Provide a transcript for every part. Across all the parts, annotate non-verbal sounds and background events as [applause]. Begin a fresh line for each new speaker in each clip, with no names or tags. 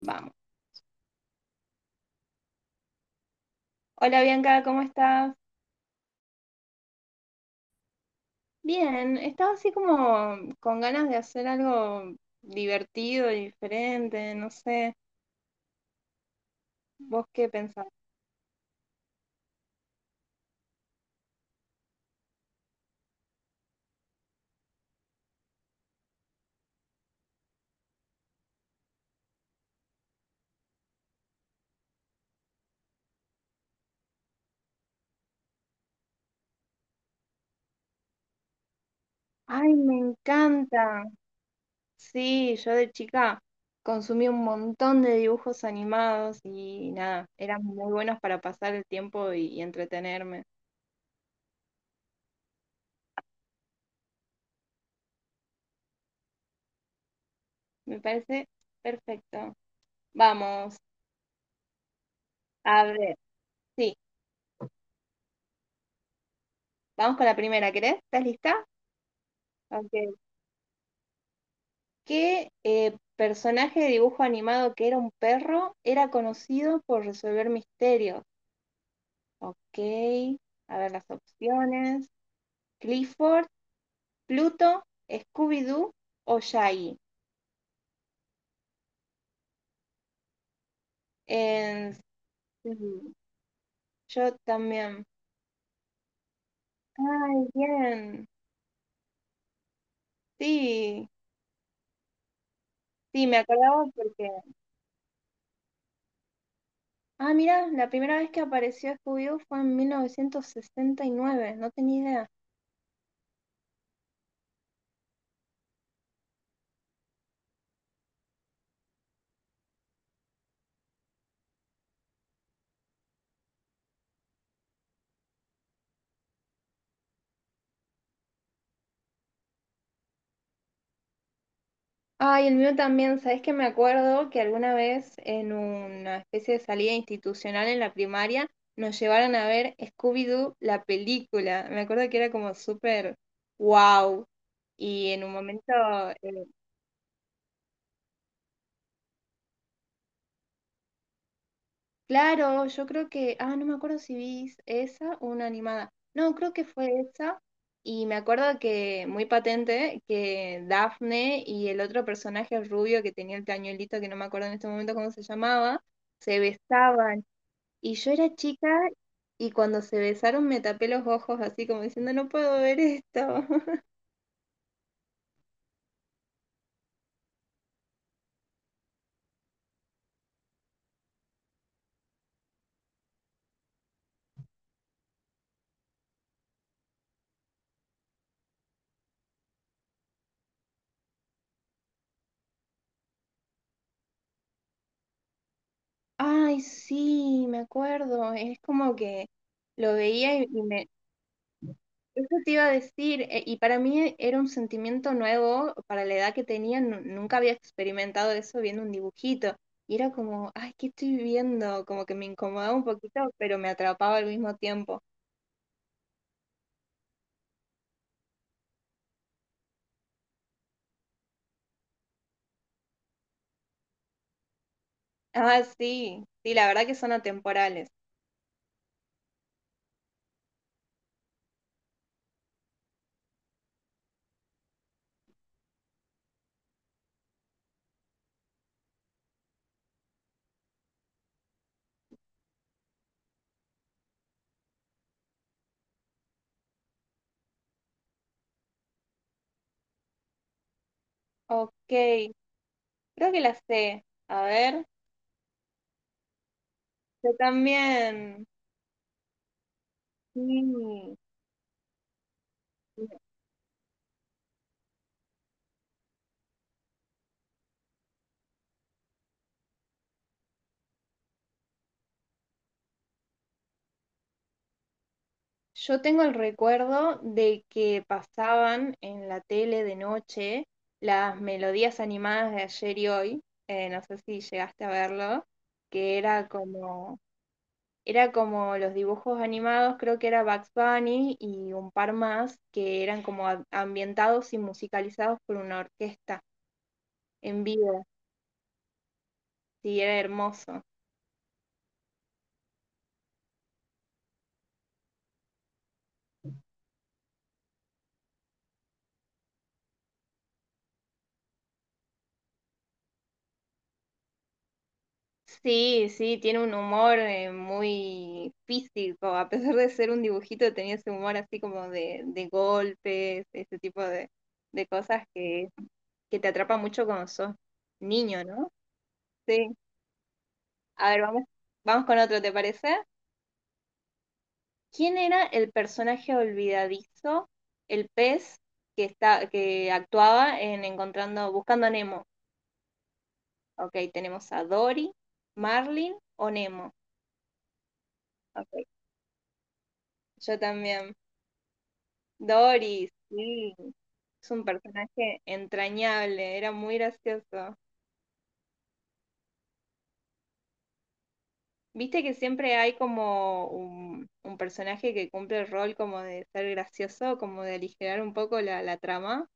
Vamos. Hola Bianca, ¿cómo estás? Bien, estaba así como con ganas de hacer algo divertido y diferente, no sé, ¿vos qué pensás? Ay, me encanta. Sí, yo de chica consumí un montón de dibujos animados y nada, eran muy buenos para pasar el tiempo y entretenerme. Me parece perfecto. Vamos, a ver, sí, vamos con la primera, ¿querés? ¿Estás lista? Ok. Qué personaje de dibujo animado que era un perro era conocido por resolver misterios? Ok, a ver las opciones. Clifford, Pluto, Scooby-Doo o Shaggy. En- mm, yo también. Ay, bien. Sí, sí, me acordaba porque... Ah, mira, la primera vez que apareció Scooby-Doo fue en 1969, no tenía idea. Ay, el mío también, ¿sabes que me acuerdo que alguna vez en una especie de salida institucional en la primaria nos llevaron a ver Scooby-Doo, la película? Me acuerdo que era como súper wow. Y en un momento, eh, claro, yo creo que, ah, no me acuerdo si vi esa o una animada. No, creo que fue esa. Y me acuerdo que, muy patente, que Daphne y el otro personaje rubio que tenía el pañuelito, que no me acuerdo en este momento cómo se llamaba, se besaban. Y yo era chica y cuando se besaron me tapé los ojos así como diciendo, no puedo ver esto. [laughs] Ay, sí, me acuerdo. Es como que lo veía y me... Eso te iba a decir, y para mí era un sentimiento nuevo, para la edad que tenía, nunca había experimentado eso viendo un dibujito. Y era como, ay, ¿qué estoy viendo? Como que me incomodaba un poquito, pero me atrapaba al mismo tiempo. Ah, sí, sí, la verdad que son atemporales. Ok, creo que la sé. A ver. Yo también. Sí. Yo tengo el recuerdo de que pasaban en la tele de noche las melodías animadas de ayer y hoy. No sé si llegaste a verlo, que era como los dibujos animados, creo que era Bugs Bunny y un par más que eran como ambientados y musicalizados por una orquesta en vivo. Sí, era hermoso. Sí, sí, tiene un humor muy físico, a pesar de ser un dibujito, tenía ese humor así como de golpes, ese tipo de cosas que te atrapa mucho cuando sos niño, ¿no? Sí. A ver, vamos, vamos con otro, ¿te parece? ¿Quién era el personaje olvidadizo, el pez que está, que actuaba en encontrando, buscando a Nemo? Ok, tenemos a Dory, Marlin o Nemo. Ok, yo también. Doris, sí. Es un personaje entrañable, era muy gracioso. Viste que siempre hay como un personaje que cumple el rol como de ser gracioso, como de aligerar un poco la, la trama.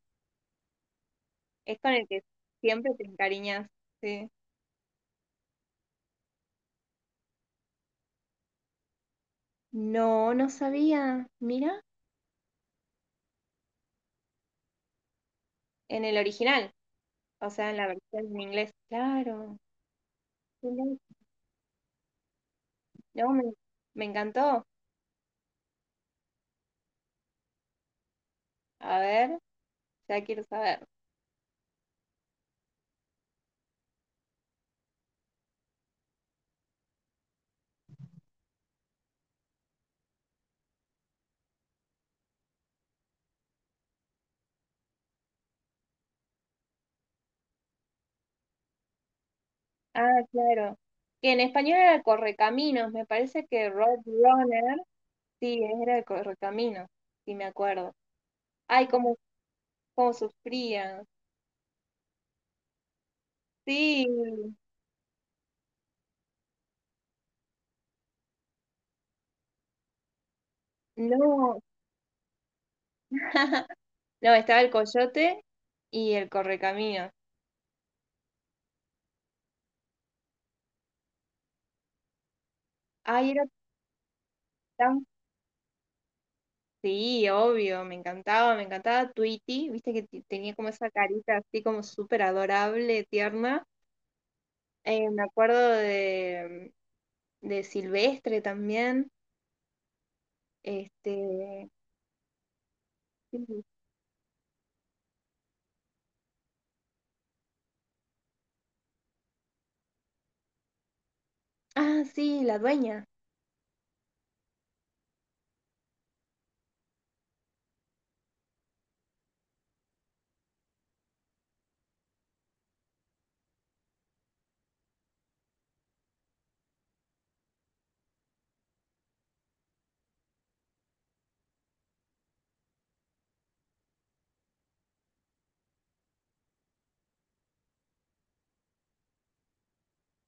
Es con el que siempre te encariñas, sí. No, no sabía. Mira, en el original, o sea, en la versión en inglés. Claro. Qué loco. No, me encantó. A ver, ya quiero saber. Ah, claro. Que en español era el Correcaminos, me parece que Roadrunner, sí, era el Correcaminos, si me acuerdo. Ay, cómo, cómo sufrían. Sí, no. [laughs] No, estaba el Coyote y el Correcaminos. Ay, era tan... Sí, obvio, me encantaba Tweety, viste que tenía como esa carita así como súper adorable, tierna. Me acuerdo de Silvestre también. Este, mm. Ah, sí, la dueña.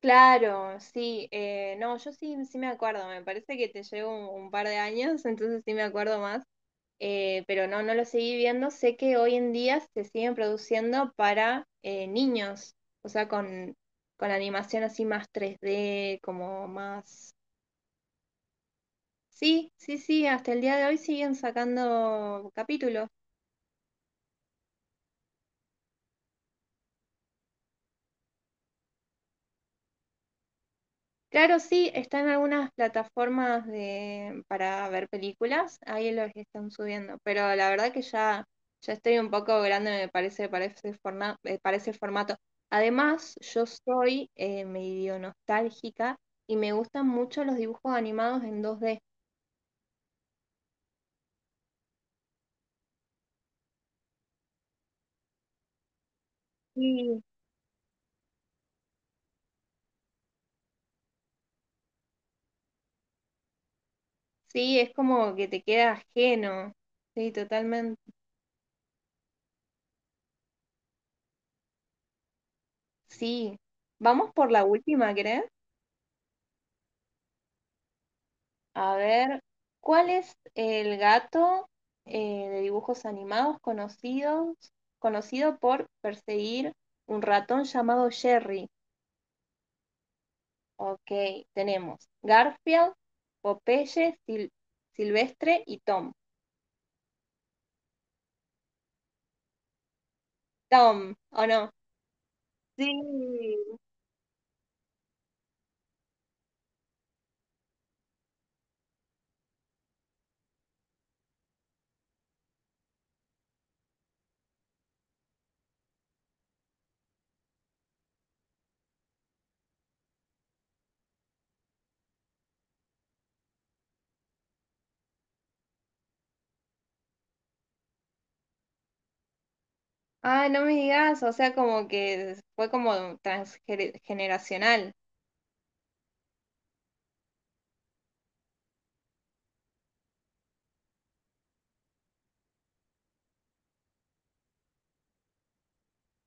Claro, sí. No, yo sí, sí me acuerdo. Me parece que te llevo un par de años, [laughs] entonces sí me acuerdo más. Pero no, no lo seguí viendo. Sé que hoy en día se siguen produciendo para niños, o sea, con animación así más tres d como más... Sí, sí, sí, hasta el día de hoy siguen sacando capítulos. Claro, sí, están algunas plataformas de, para ver películas, ahí los están subiendo, pero la verdad que ya, ya estoy un poco grande, me parece, para ese para ese formato. Además, yo soy medio nostálgica y me gustan mucho los dibujos animados en dos d. Sí. Sí, es como que te queda ajeno. Sí, totalmente. Sí. Vamos por la última, ¿crees? A ver, ¿cuál es el gato de dibujos animados conocidos, conocido por perseguir un ratón llamado Jerry? Ok, tenemos Garfield, Popeye, Silvestre y Tom. Tom, ¿o no? Sí. Ah, no me digas, o sea, como que fue como transgeneracional.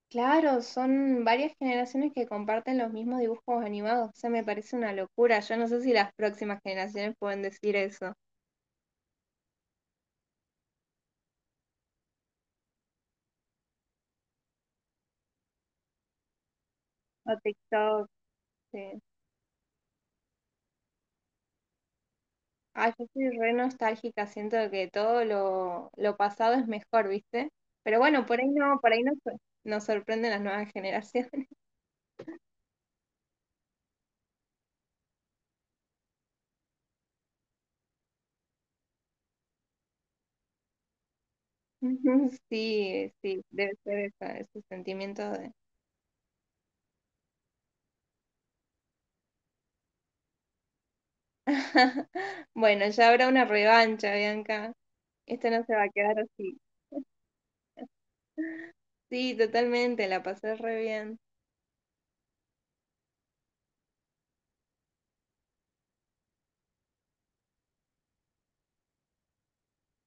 Claro, son varias generaciones que comparten los mismos dibujos animados. O sea, me parece una locura. Yo no sé si las próximas generaciones pueden decir eso. O TikTok. Sí. Ah, yo soy re nostálgica. Siento que todo lo pasado es mejor, ¿viste? Pero bueno, por ahí no, nos sorprenden las nuevas generaciones. [laughs] Sí, sí, debe ser esa- ese sentimiento de... [laughs] Bueno, ya habrá una revancha, Bianca. Esto no se va a quedar así. Sí, totalmente, la pasé re bien.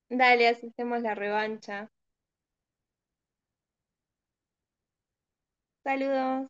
Dale, así hacemos la revancha. Saludos.